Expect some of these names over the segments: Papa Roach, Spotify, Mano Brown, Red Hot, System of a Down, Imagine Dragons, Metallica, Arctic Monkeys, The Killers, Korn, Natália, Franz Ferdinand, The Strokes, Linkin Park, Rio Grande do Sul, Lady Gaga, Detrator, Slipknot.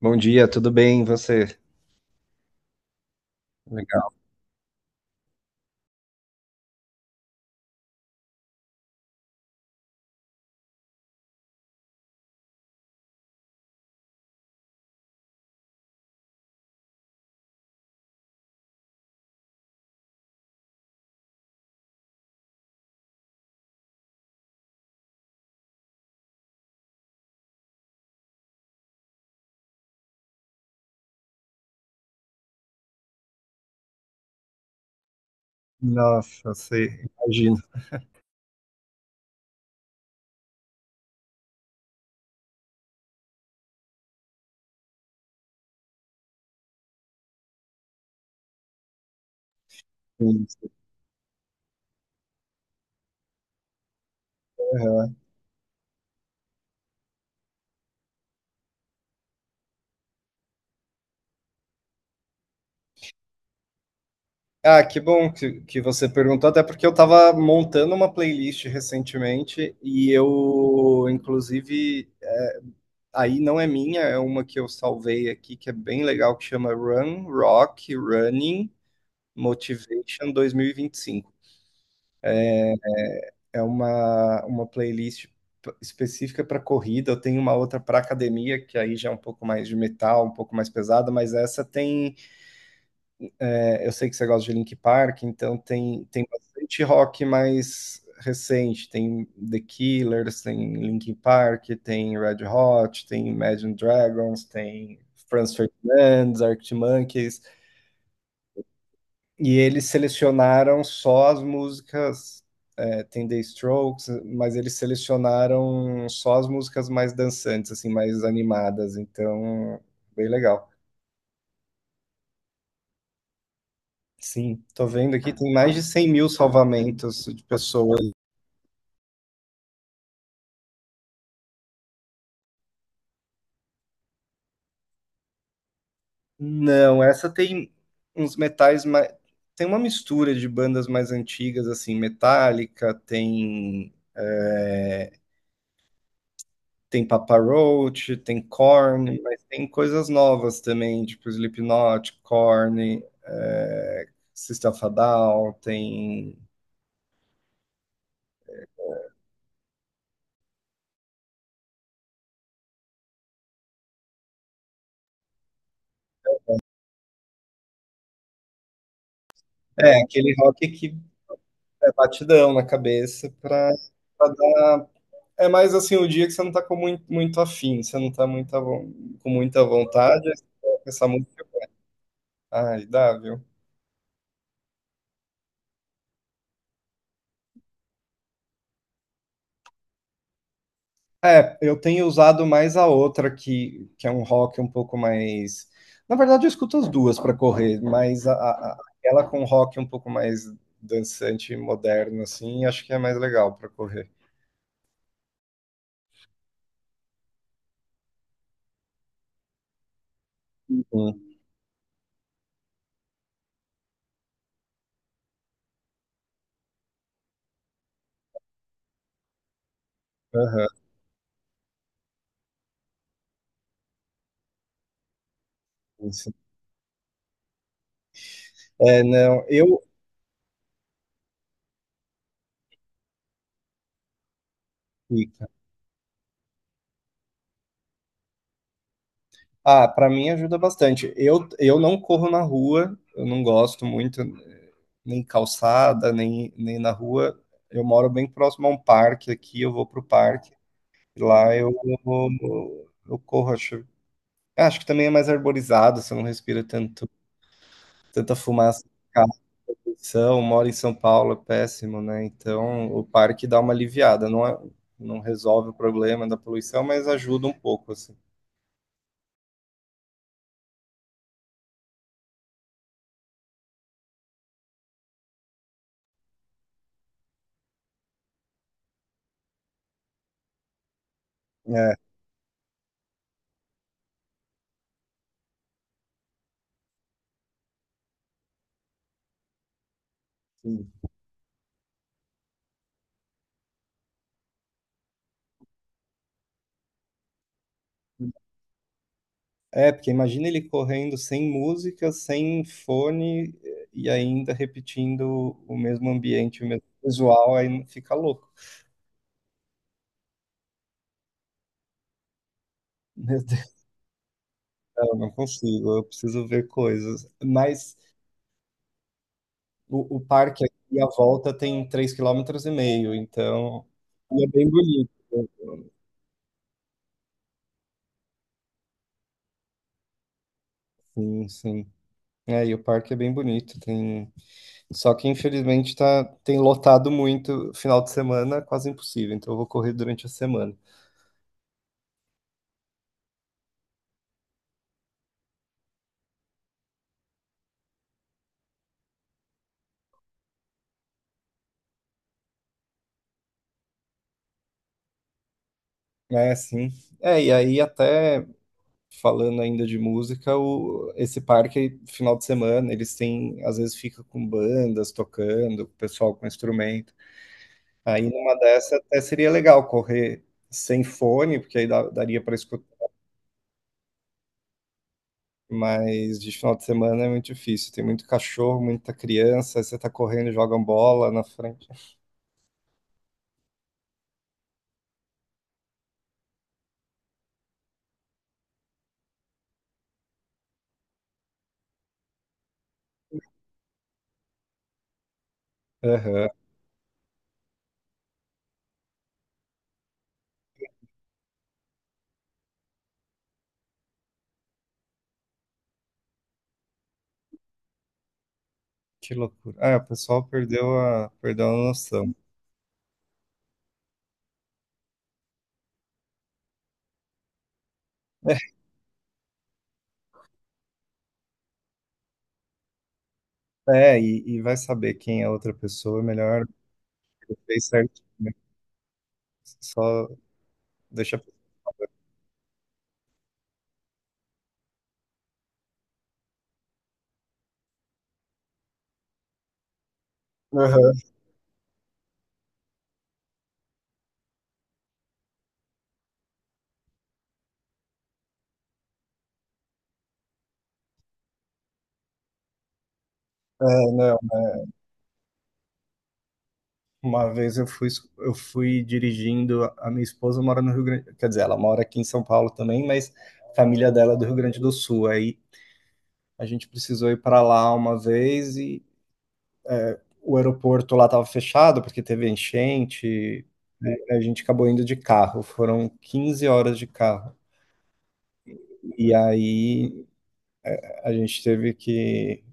Bom dia, tudo bem? E você? Legal. Nossa, você imagina. Sim. Aham. Ah, que bom que você perguntou, até porque eu estava montando uma playlist recentemente e eu, inclusive, aí não é minha, é uma que eu salvei aqui, que é bem legal, que chama Run, Rock, Running, Motivation 2025. É uma playlist específica para corrida. Eu tenho uma outra para academia, que aí já é um pouco mais de metal, um pouco mais pesada, mas essa tem. Eu sei que você gosta de Linkin Park, então tem bastante rock mais recente. Tem The Killers, tem Linkin Park, tem Red Hot, tem Imagine Dragons, tem Franz Ferdinand, Arctic Monkeys. E eles selecionaram só as músicas. É, tem The Strokes, mas eles selecionaram só as músicas mais dançantes, assim, mais animadas. Então, bem legal. Sim, tô vendo aqui, tem mais de 100 mil salvamentos de pessoas. Não, essa tem uns metais mais. Tem uma mistura de bandas mais antigas, assim, Metallica, tem, tem Papa Roach, tem Korn, mas tem coisas novas também, tipo Slipknot, Korn, System of a Down, tem. É, aquele rock que é batidão na cabeça pra dar. É mais assim o dia que você não tá com muito afim, você não tá muita, com muita vontade, aí você coloca essa música. Ai, dá, viu? É, eu tenho usado mais a outra, que é um rock um pouco mais. Na verdade, eu escuto as duas para correr, mas aquela com rock um pouco mais dançante e moderno, assim, acho que é mais legal para correr. Sim, aham, isso. É, não, eu. Fica. Ah, para mim ajuda bastante. Eu não corro na rua, eu não gosto muito, nem calçada, nem na rua. Eu moro bem próximo a um parque aqui, eu vou pro parque. Lá eu corro, acho que também é mais arborizado, você não respira tanto, tanta fumaça de carro, moro em São Paulo, é péssimo, né? Então o parque dá uma aliviada, não resolve o problema da poluição, mas ajuda um pouco, assim. É, sim. É, porque imagina ele correndo sem música, sem fone e ainda repetindo o mesmo ambiente, o mesmo visual, aí fica louco. Meu Deus, não consigo, eu preciso ver coisas. Mas o parque aqui à volta tem três quilômetros e meio, então e é bem bonito, né? Sim, sim. É, e o parque é bem bonito. Tem... Só que infelizmente tá... tem lotado muito final de semana, é quase impossível. Então eu vou correr durante a semana. É, sim. É, e aí até falando ainda de música, o... esse parque, final de semana, eles têm, às vezes fica com bandas tocando, o pessoal com instrumento. Aí numa dessa até seria legal correr sem fone, porque aí daria para escutar, mas de final de semana é muito difícil. Tem muito cachorro, muita criança, aí você tá correndo, e jogam bola na frente. Aham, que loucura. Ah, o pessoal perdeu a noção. É, e vai saber quem é a outra pessoa, é melhor, fez certinho, né? Só deixa. Aham. É, não. Uma vez eu fui dirigindo, a minha esposa mora no Rio Grande, quer dizer, ela mora aqui em São Paulo também, mas a família dela é do Rio Grande do Sul. Aí a gente precisou ir para lá uma vez e o aeroporto lá estava fechado porque teve enchente. A gente acabou indo de carro, foram 15 horas de carro. E aí a gente teve que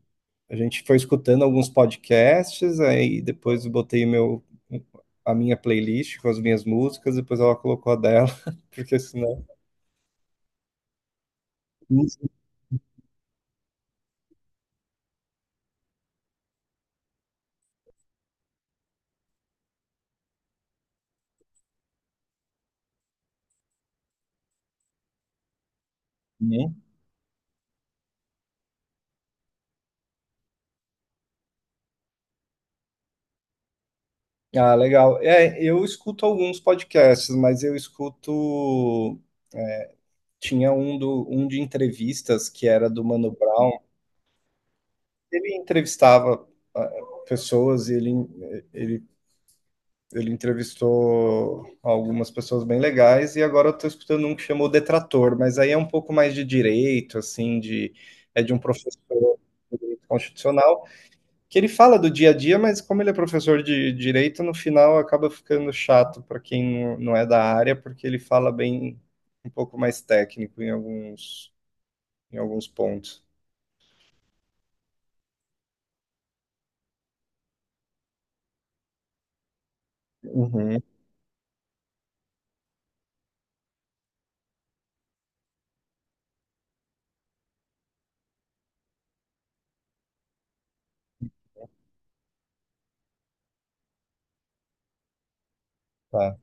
a gente foi escutando alguns podcasts, aí depois eu botei a minha playlist com as minhas músicas, depois ela colocou a dela, porque senão. Uhum. Ah, legal. É, eu escuto alguns podcasts, mas eu escuto. Tinha um de entrevistas que era do Mano Brown. Ele entrevistava ah, pessoas, e ele ele entrevistou algumas pessoas bem legais e agora eu tô escutando um que chamou Detrator, mas aí é um pouco mais de direito, assim, de. É de um professor de direito constitucional, que ele fala do dia a dia, mas como ele é professor de direito, no final acaba ficando chato para quem não é da área, porque ele fala bem um pouco mais técnico em alguns pontos. Uhum, tá.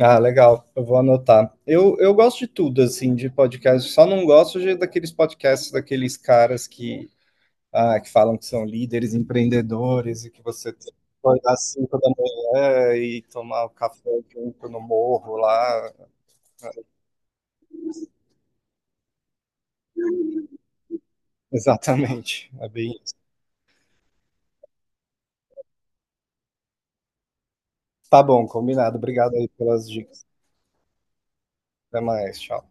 Ah, legal, eu vou anotar. Eu gosto de tudo, assim, de podcast, só não gosto daqueles podcasts daqueles caras que, ah, que falam que são líderes, empreendedores, e que você tem que acordar às 5 da manhã e tomar o café junto no morro lá. Exatamente, é bem isso. Tá bom, combinado. Obrigado aí pelas dicas. Até mais, tchau.